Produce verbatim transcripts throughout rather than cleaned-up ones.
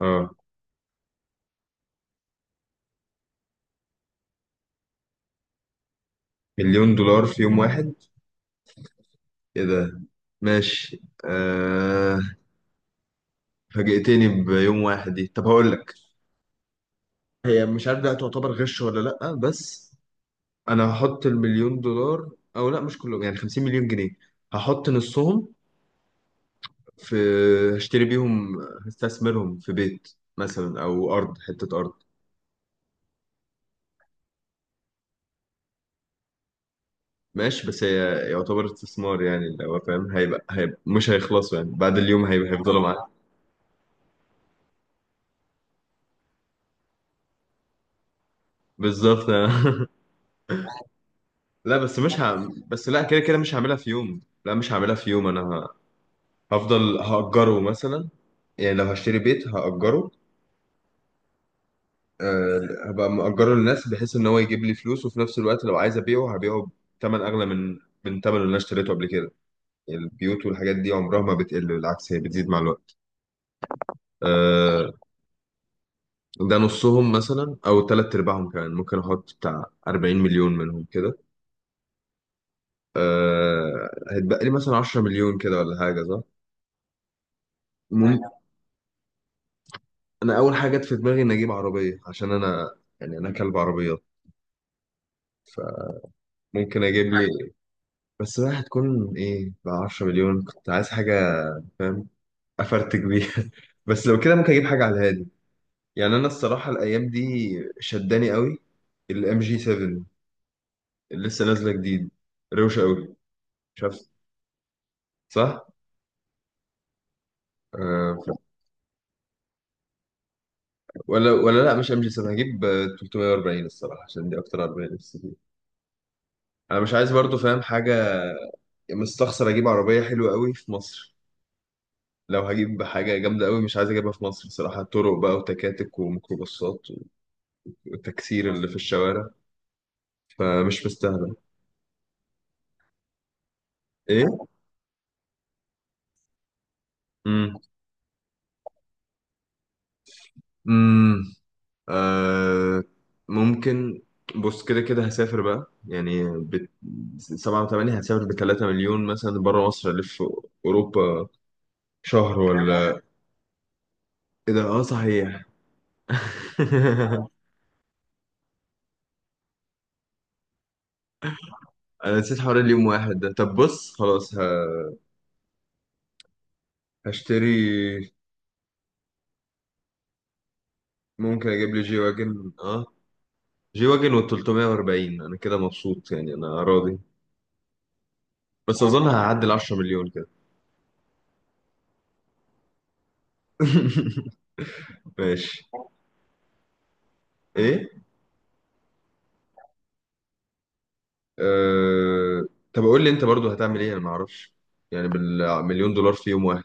اه. مليون دولار في يوم واحد؟ ايه ده. ماشي، آه. فاجئتني بيوم واحد دي. طب هقول لك، هي مش عارف ده تعتبر غش ولا لا، بس انا هحط المليون دولار او لا، مش كلهم يعني، 50 مليون جنيه هحط نصهم، في هشتري بيهم، هستثمرهم في بيت مثلا او ارض، حتة ارض. ماشي بس هي يعتبر استثمار يعني لو فاهم، هيبقى, هيبقى مش هيخلصوا، يعني بعد اليوم هيبقى هيفضلوا معاك. بالظبط. لا، بس مش ه... بس لا كده كده مش هعملها في يوم، لا مش هعملها في يوم، انا ه- هفضل هأجره مثلا. يعني لو هشتري بيت هأجره. أه... هبقى مأجره للناس بحيث ان هو يجيب لي فلوس، وفي نفس الوقت لو عايز ابيعه هبيعه بثمن اغلى من من ثمن اللي انا اشتريته قبل كده. يعني البيوت والحاجات دي عمرها ما بتقل، بالعكس هي بتزيد مع الوقت. أه... ده نصهم مثلا او ثلاث ارباعهم، كمان ممكن احط بتاع 40 مليون منهم كده. أه... هيتبقى لي مثلا 10 مليون كده ولا حاجة، صح؟ مم- انا اول حاجه جت في دماغي ان اجيب عربيه، عشان انا، يعني انا كلب عربيات. فممكن اجيب لي. بس بقى هتكون ايه ب 10 مليون؟ كنت عايز حاجه فاهم، افرتك بيها. بس لو كده ممكن اجيب حاجه على الهادي. يعني انا الصراحه الايام دي شداني قوي الام جي سبعة اللي لسه نازله جديد، روشه قوي. مش عارف. صح. آه ف- ولا ولا لا مش ام جي سبعة، هجيب آه، تلتميه وأربعين، الصراحه عشان دي اكتر عربيه نفسي فيها. انا مش عايز برضو فاهم حاجه، مستخسر اجيب عربيه حلوه قوي في مصر. لو هجيب حاجة جامدة قوي مش عايز أجيبها في مصر، بصراحة طرق بقى وتكاتك وميكروباصات والتكسير اللي في الشوارع، فمش مستاهلة. إيه؟ مم. مم. آه. ممكن. بص كده كده هسافر بقى، يعني بت... سبعة وثمانية. هسافر بتلاتة مليون مثلا بره مصر، ألف أوروبا شهر ولا. إيه ده، آه صحيح. أنا نسيت حوار اليوم واحد ده. طب بص خلاص ه... هشتري. ممكن أجيب لي جي واجن آه. جي واجن و تلتميه وأربعين، انا كده مبسوط يعني، انا راضي. بس اظن هعدي ال 10 مليون كده. ماشي. ايه أه... طب قول لي انت برضو هتعمل ايه، انا ما اعرفش يعني بالمليون دولار في يوم واحد.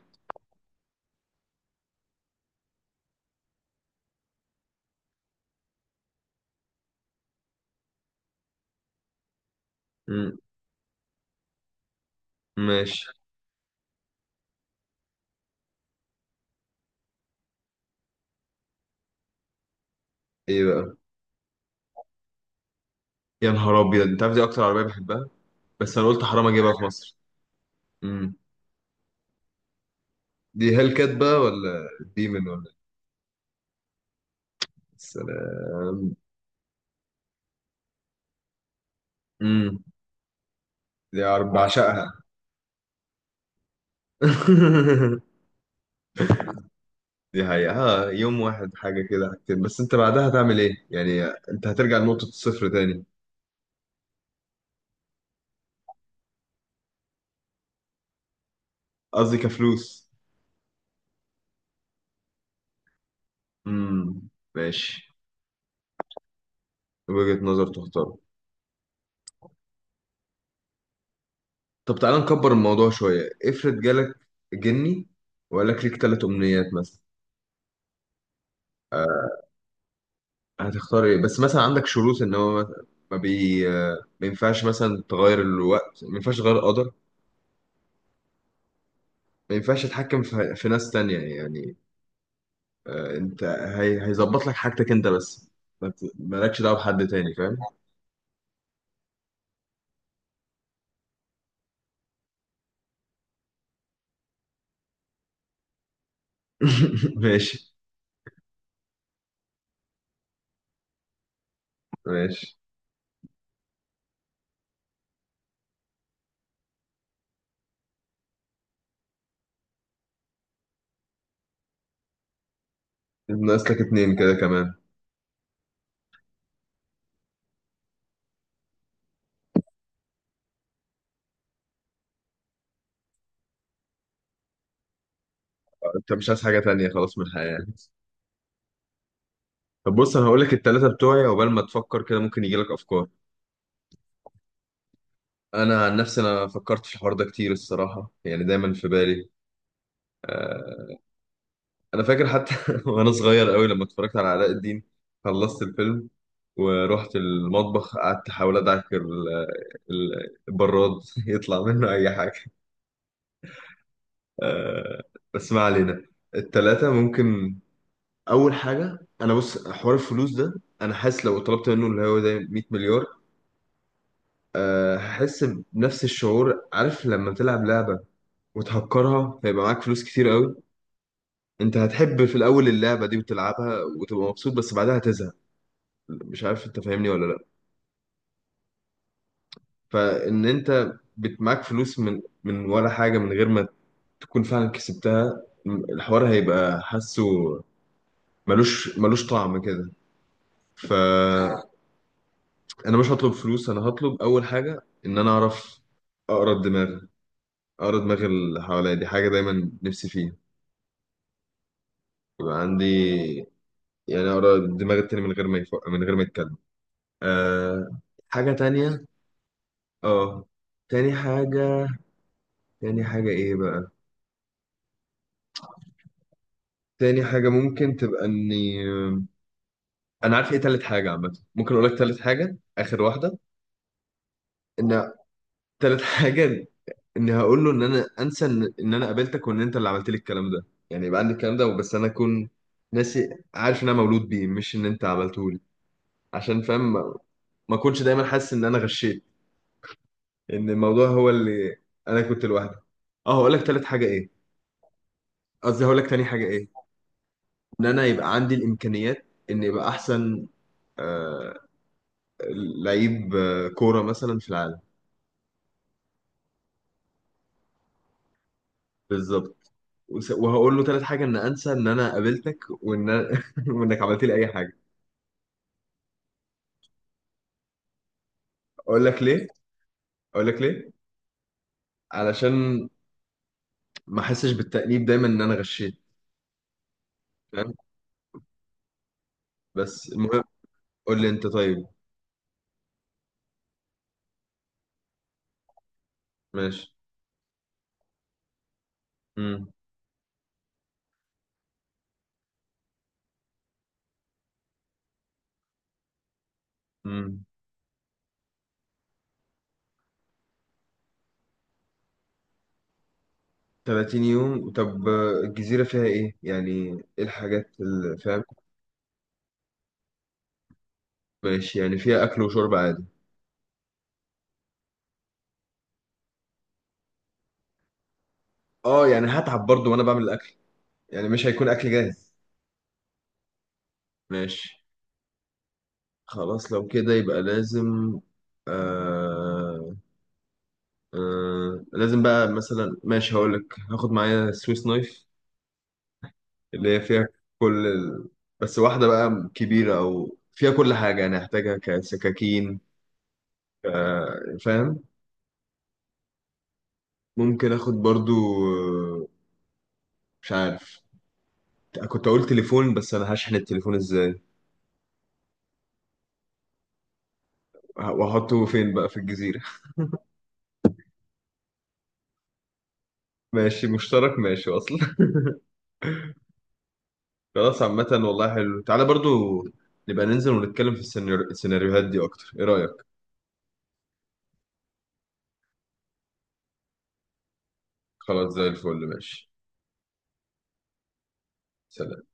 مم. ماشي. ايه بقى؟ يا نهار ابيض، انت عارف دي اكتر عربيه بحبها، بس انا قلت حرام اجيبها في مصر. مم. دي هيل كات بقى ولا ديمن ولا إيه؟ السلام. امم. دي عرب بعشقها. دي حقيقة. ها، يوم واحد حاجة كده حاجتين، بس انت بعدها هتعمل ايه؟ يعني انت هترجع لنقطة الصفر تاني. قصدي كفلوس. امم. ماشي. وجهة نظر، تختار. طب تعالى نكبر الموضوع شوية. افرض جالك جني، وقال لك ليك تلات أمنيات مثلا، آه، هتختار ايه؟ بس مثلا عندك شروط ان هو مث- ما بي ما ينفعش مثلا تغير الوقت، ما ينفعش تغير قدر، ما ينفعش تتحكم في... في ناس تانية يعني. آه، انت، هي... هيظبط لك حاجتك انت بس، ما ت- مالكش دعوة بحد تاني، فاهم؟ ماشي. ماشي. ناقص لك اتنين كده كمان. انت مش عايز حاجة تانية خلاص من الحياة يعني؟ طب بص، انا هقول لك التلاتة بتوعي عقبال ما تفكر كده، ممكن يجي لك افكار. انا عن نفسي انا فكرت في الحوار ده كتير الصراحة، يعني دايما في بالي. آه، انا فاكر حتى وانا صغير قوي لما اتفرجت على علاء الدين، خلصت الفيلم ورحت المطبخ، قعدت احاول ادعك ال- ال- البراد يطلع منه اي حاجة. آه، بس ما علينا. التلاتة ممكن، اول حاجه انا بص حوار الفلوس ده، انا حاسس لو طلبت منه اللي هو زي 100 مليار، آه، هحس بنفس الشعور. عارف لما تلعب لعبه وتهكرها، فيبقى معاك فلوس كتير قوي، انت هتحب في الاول اللعبه دي وتلعبها وتبقى مبسوط، بس بعدها هتزهق. مش عارف انت فاهمني ولا لا. فان انت بت- معاك فلوس من من ولا حاجه، من غير ما تكون فعلا كسبتها، م- الحوار هيبقى حاسه، ملوش ملوش طعم كده. ف انا مش هطلب فلوس، انا هطلب اول حاجه ان انا اعرف اقرا الدماغ، اقرا دماغ اللي حواليا. دي حاجه دايما نفسي فيها، يبقى عندي يعني اقرا دماغ التاني من غير ما يفق... من غير ما يتكلم. آه... حاجه تانية. اه. تاني حاجه. تاني حاجه ايه بقى، تاني حاجه ممكن تبقى اني، انا عارف ايه تالت حاجه، عامه ممكن اقول لك تالت حاجه، اخر واحده. ان تالت حاجه، اني هقول له ان انا انسى ان إن انا قابلتك وان انت اللي عملت لي الكلام ده، يعني يبقى عندي الكلام ده، بس انا اكون ناسي، عارف ان انا مولود بيه مش ان انت عملته لي. عشان فاهم، ما ما اكونش دايما حاسس ان انا غشيت، ان الموضوع هو اللي انا كنت لوحدي. اه، هقول لك تالت حاجه ايه، قصدي هقول لك تاني حاجه ايه، ان انا يبقى عندي الامكانيات ان يبقى احسن آه لعيب آه كوره مثلا في العالم. بالظبط. وس- وهقول له تالت حاجه ان انسى ان انا قابلتك، وان أنا- وانك عملت لي اي حاجه. اقول لك ليه، اقول لك ليه، علشان ما احسش بالتأنيب دايما ان انا غشيت، فاهم. بس المهم، قول لي انت طيب. ماشي. امم امم 30 يوم، طب آه، الجزيرة فيها ايه يعني؟ ايه الحاجات اللي، فاهم؟ ماشي، يعني فيها اكل وشرب عادي. اه، يعني هتعب برضو وانا بعمل الاكل، يعني مش هيكون اكل جاهز. ماشي. خلاص لو كده يبقى لازم، آه آه لازم بقى مثلا. ماشي، هقول لك هاخد معايا سويس نايف اللي هي فيها كل ال... بس واحدة بقى كبيرة، أو فيها كل حاجة يعني هحتاجها كسكاكين. ك- فاهم. ممكن آخد برضو آه، مش عارف، كنت أقول تليفون، بس أنا هشحن التليفون إزاي وأحطه فين بقى في الجزيرة؟ ماشي مشترك ماشي أصلا. خلاص، عامة والله حلو. تعالى برضو نبقى ننزل ونتكلم في السيناريو- السيناريوهات دي أكتر، إيه رأيك؟ خلاص زي الفل. ماشي. سلام.